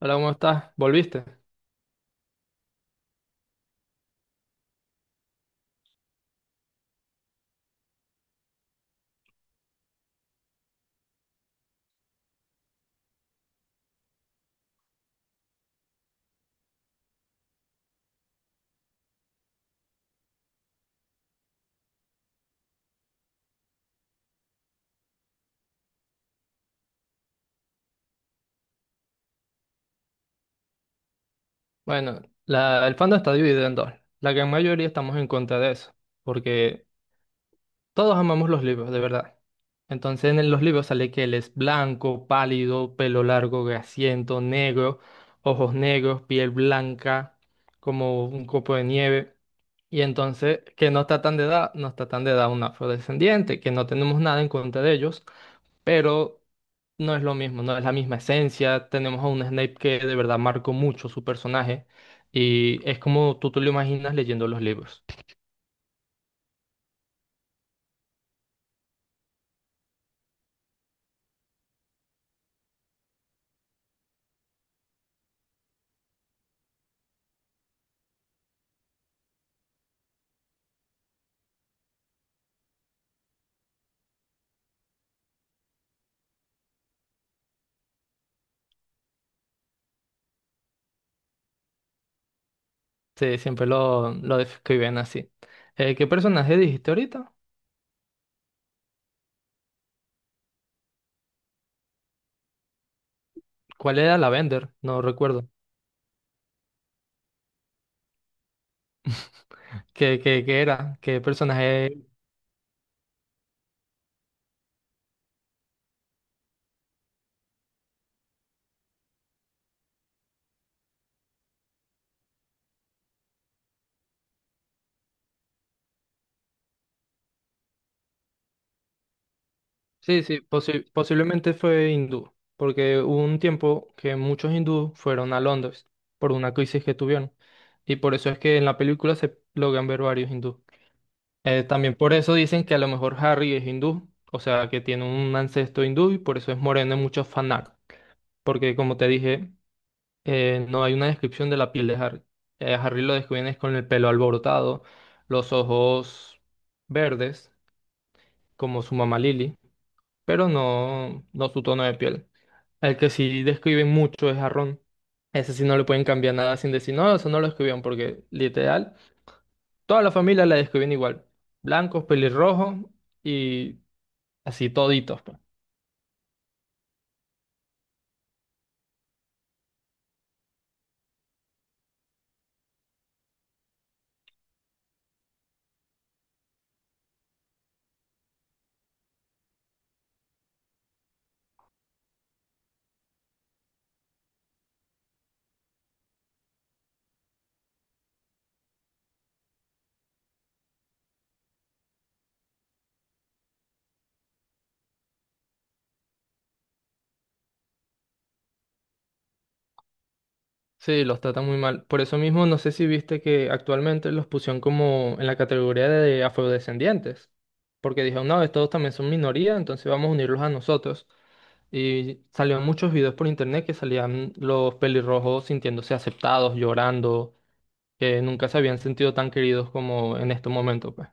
Hola, ¿cómo estás? ¿Volviste? Bueno, el fandom está dividido en dos. La gran mayoría estamos en contra de eso, porque todos amamos los libros, de verdad. Entonces en los libros sale que él es blanco, pálido, pelo largo, grasiento, negro, ojos negros, piel blanca, como un copo de nieve. Y entonces que no está tan de edad, no está tan de edad un afrodescendiente, que no tenemos nada en contra de ellos, pero no es lo mismo, no es la misma esencia. Tenemos a un Snape que de verdad marcó mucho su personaje y es como tú te lo imaginas leyendo los libros. Sí, siempre lo describen así. ¿qué personaje dijiste ahorita? ¿Cuál era la Bender? No recuerdo. ¿Qué era? ¿Qué personaje? Sí, sí, posiblemente fue hindú, porque hubo un tiempo que muchos hindúes fueron a Londres por una crisis que tuvieron, y por eso es que en la película se logran ver varios hindúes. También por eso dicen que a lo mejor Harry es hindú, o sea, que tiene un ancestro hindú y por eso es moreno en muchos fanart, porque como te dije, no hay una descripción de la piel de Harry. A Harry lo describen es con el pelo alborotado, los ojos verdes, como su mamá Lily, pero no, no su tono de piel. El que sí describen mucho es a Ron. Ese sí no le pueden cambiar nada sin decir, no, eso no lo escribieron, porque literal, toda la familia la describen igual. Blancos, pelirrojos y así toditos, pues. Sí, los tratan muy mal. Por eso mismo, no sé si viste que actualmente los pusieron como en la categoría de afrodescendientes. Porque dijeron, no, estos también son minoría, entonces vamos a unirlos a nosotros. Y salieron muchos videos por internet que salían los pelirrojos sintiéndose aceptados, llorando, que nunca se habían sentido tan queridos como en este momento, pues.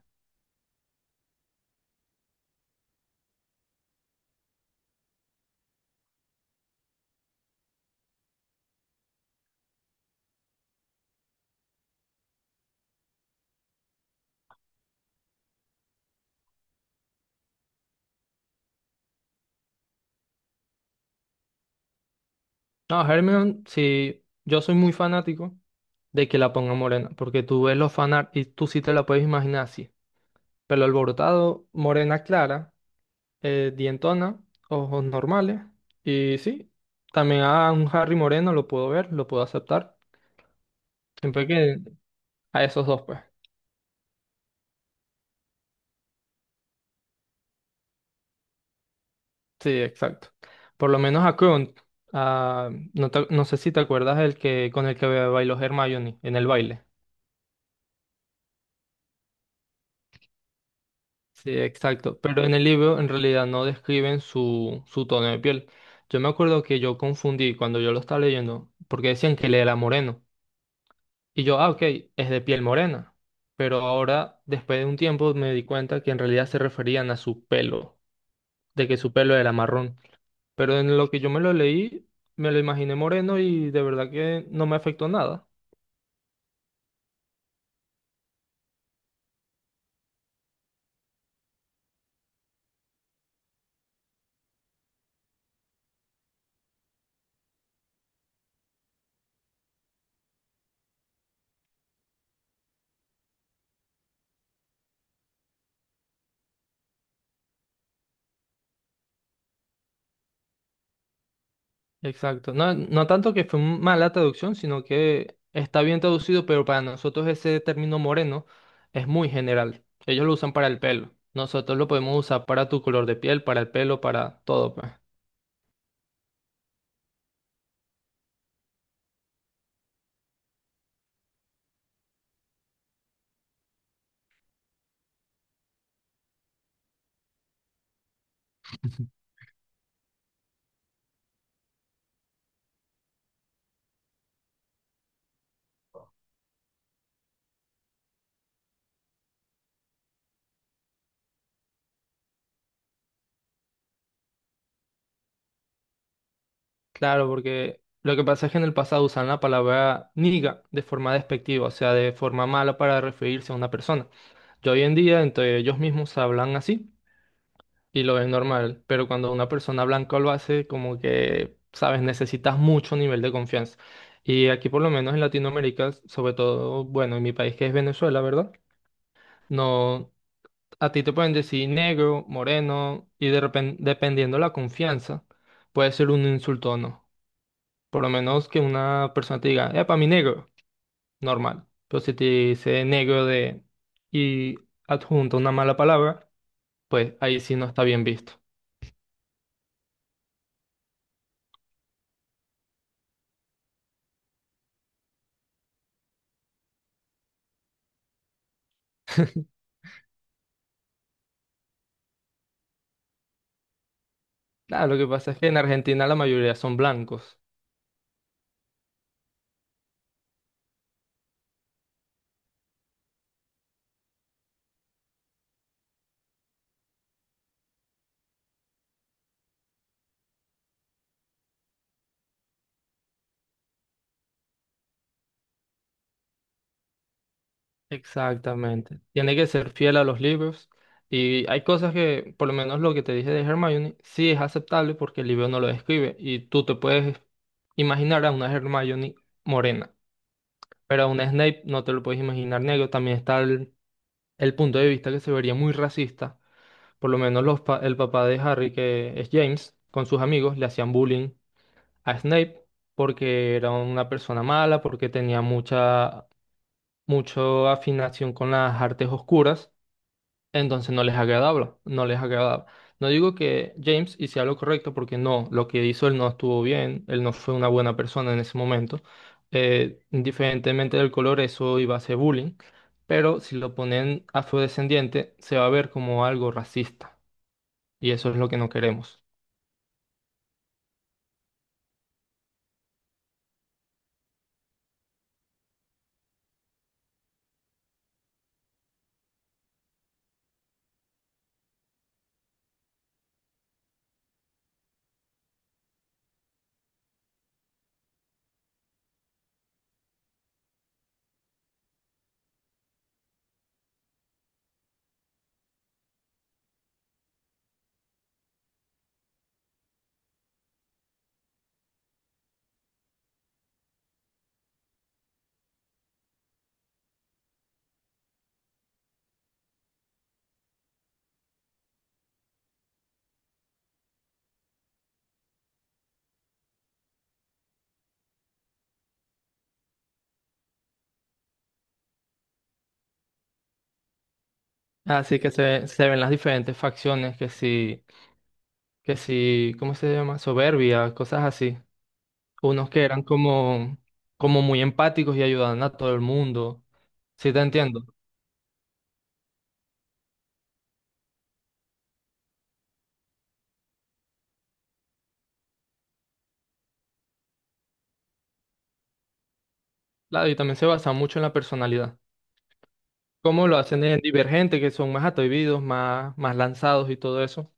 No, Hermione, sí, yo soy muy fanático de que la pongan morena, porque tú ves los fanart y tú sí te la puedes imaginar así. Pelo alborotado, morena clara, dientona, ojos normales. Y sí, también a un Harry moreno lo puedo ver, lo puedo aceptar. Siempre que a esos dos, pues. Sí, exacto. Por lo menos a Krunt. No sé si te acuerdas el que, con el que bailó Hermione en el baile. Sí, exacto. Pero en el libro en realidad no describen su tono de piel. Yo me acuerdo que yo confundí cuando yo lo estaba leyendo, porque decían que él era moreno. Y yo, ah, ok, es de piel morena. Pero ahora, después de un tiempo, me di cuenta que en realidad se referían a su pelo, de que su pelo era marrón. Pero en lo que yo me lo leí, me lo imaginé moreno y de verdad que no me afectó nada. Exacto. No, no tanto que fue mala traducción, sino que está bien traducido, pero para nosotros ese término moreno es muy general. Ellos lo usan para el pelo. Nosotros lo podemos usar para tu color de piel, para el pelo, para todo, pues. Claro, porque lo que pasa es que en el pasado usaban la palabra niga de forma despectiva, o sea, de forma mala para referirse a una persona. Yo hoy en día entre ellos mismos hablan así y lo ven normal, pero cuando una persona blanca lo hace, como que, sabes, necesitas mucho nivel de confianza. Y aquí por lo menos en Latinoamérica, sobre todo, bueno, en mi país que es Venezuela, ¿verdad? No, a ti te pueden decir negro, moreno y de repente, dependiendo la confianza, puede ser un insulto o no. Por lo menos que una persona te diga, para mi negro, normal. Pero si te dice negro de y adjunta una mala palabra, pues ahí sí no está bien visto. Nada, lo que pasa es que en Argentina la mayoría son blancos. Exactamente. Tiene que ser fiel a los libros. Y hay cosas que, por lo menos lo que te dije de Hermione, sí es aceptable porque el libro no lo describe. Y tú te puedes imaginar a una Hermione morena, pero a una Snape no te lo puedes imaginar negro. También está el punto de vista que se vería muy racista. Por lo menos el papá de Harry, que es James, con sus amigos le hacían bullying a Snape porque era una persona mala, porque tenía mucha, mucha afinación con las artes oscuras. Entonces no les agradaba, no les agradaba. No digo que James hiciera lo correcto porque no, lo que hizo él no estuvo bien, él no fue una buena persona en ese momento. Indiferentemente del color, eso iba a ser bullying, pero si lo ponen afrodescendiente, se va a ver como algo racista y eso es lo que no queremos. Así que se ven las diferentes facciones, que si, ¿cómo se llama? Soberbia, cosas así. Unos que eran como, como muy empáticos y ayudaban a todo el mundo. Sí, te entiendo. Claro, y también se basa mucho en la personalidad. Cómo lo hacen en Divergente, que son más atrevidos, más, más lanzados y todo eso.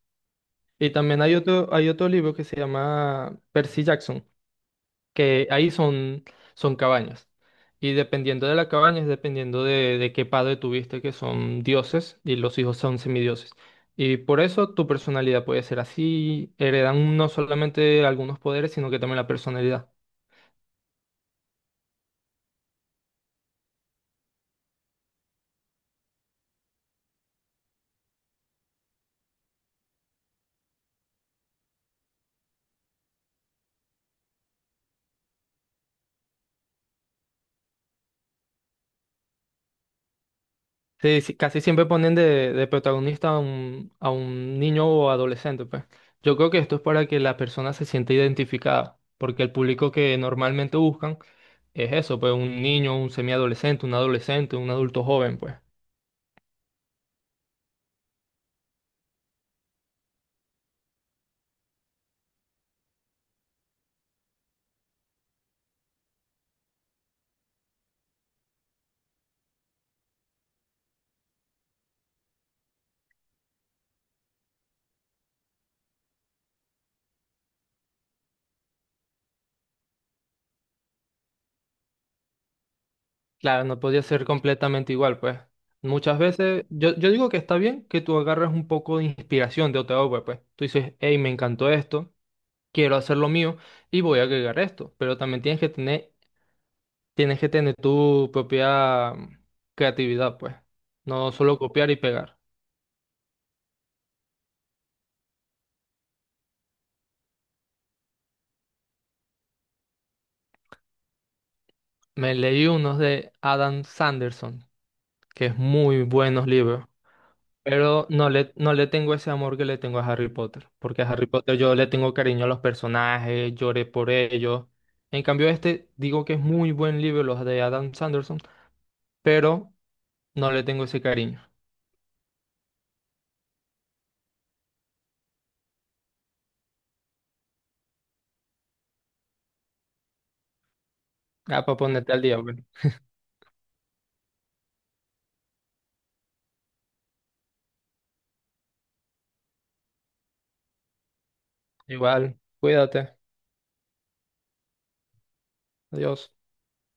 Y también hay otro libro que se llama Percy Jackson, que ahí son, son cabañas. Y dependiendo de la cabaña, es dependiendo de qué padre tuviste, que son dioses y los hijos son semidioses. Y por eso tu personalidad puede ser así, heredan no solamente algunos poderes, sino que también la personalidad. Sí, sí, casi siempre ponen de protagonista a un niño o adolescente, pues. Yo creo que esto es para que la persona se sienta identificada, porque el público que normalmente buscan es eso, pues un niño, un semiadolescente, un adolescente, un adulto joven, pues. Claro, no podía ser completamente igual, pues. Muchas veces, yo digo que está bien que tú agarres un poco de inspiración de otra obra, pues. Tú dices, hey, me encantó esto, quiero hacer lo mío y voy a agregar esto. Pero también tienes que tener tu propia creatividad, pues. No solo copiar y pegar. Me leí unos de Adam Sanderson, que es muy buenos libros. Pero no le tengo ese amor que le tengo a Harry Potter, porque a Harry Potter yo le tengo cariño a los personajes, lloré por ellos. En cambio, este digo que es muy buen libro, los de Adam Sanderson, pero no le tengo ese cariño. Ah, para ponerte al día, bueno. Igual, cuídate. Adiós.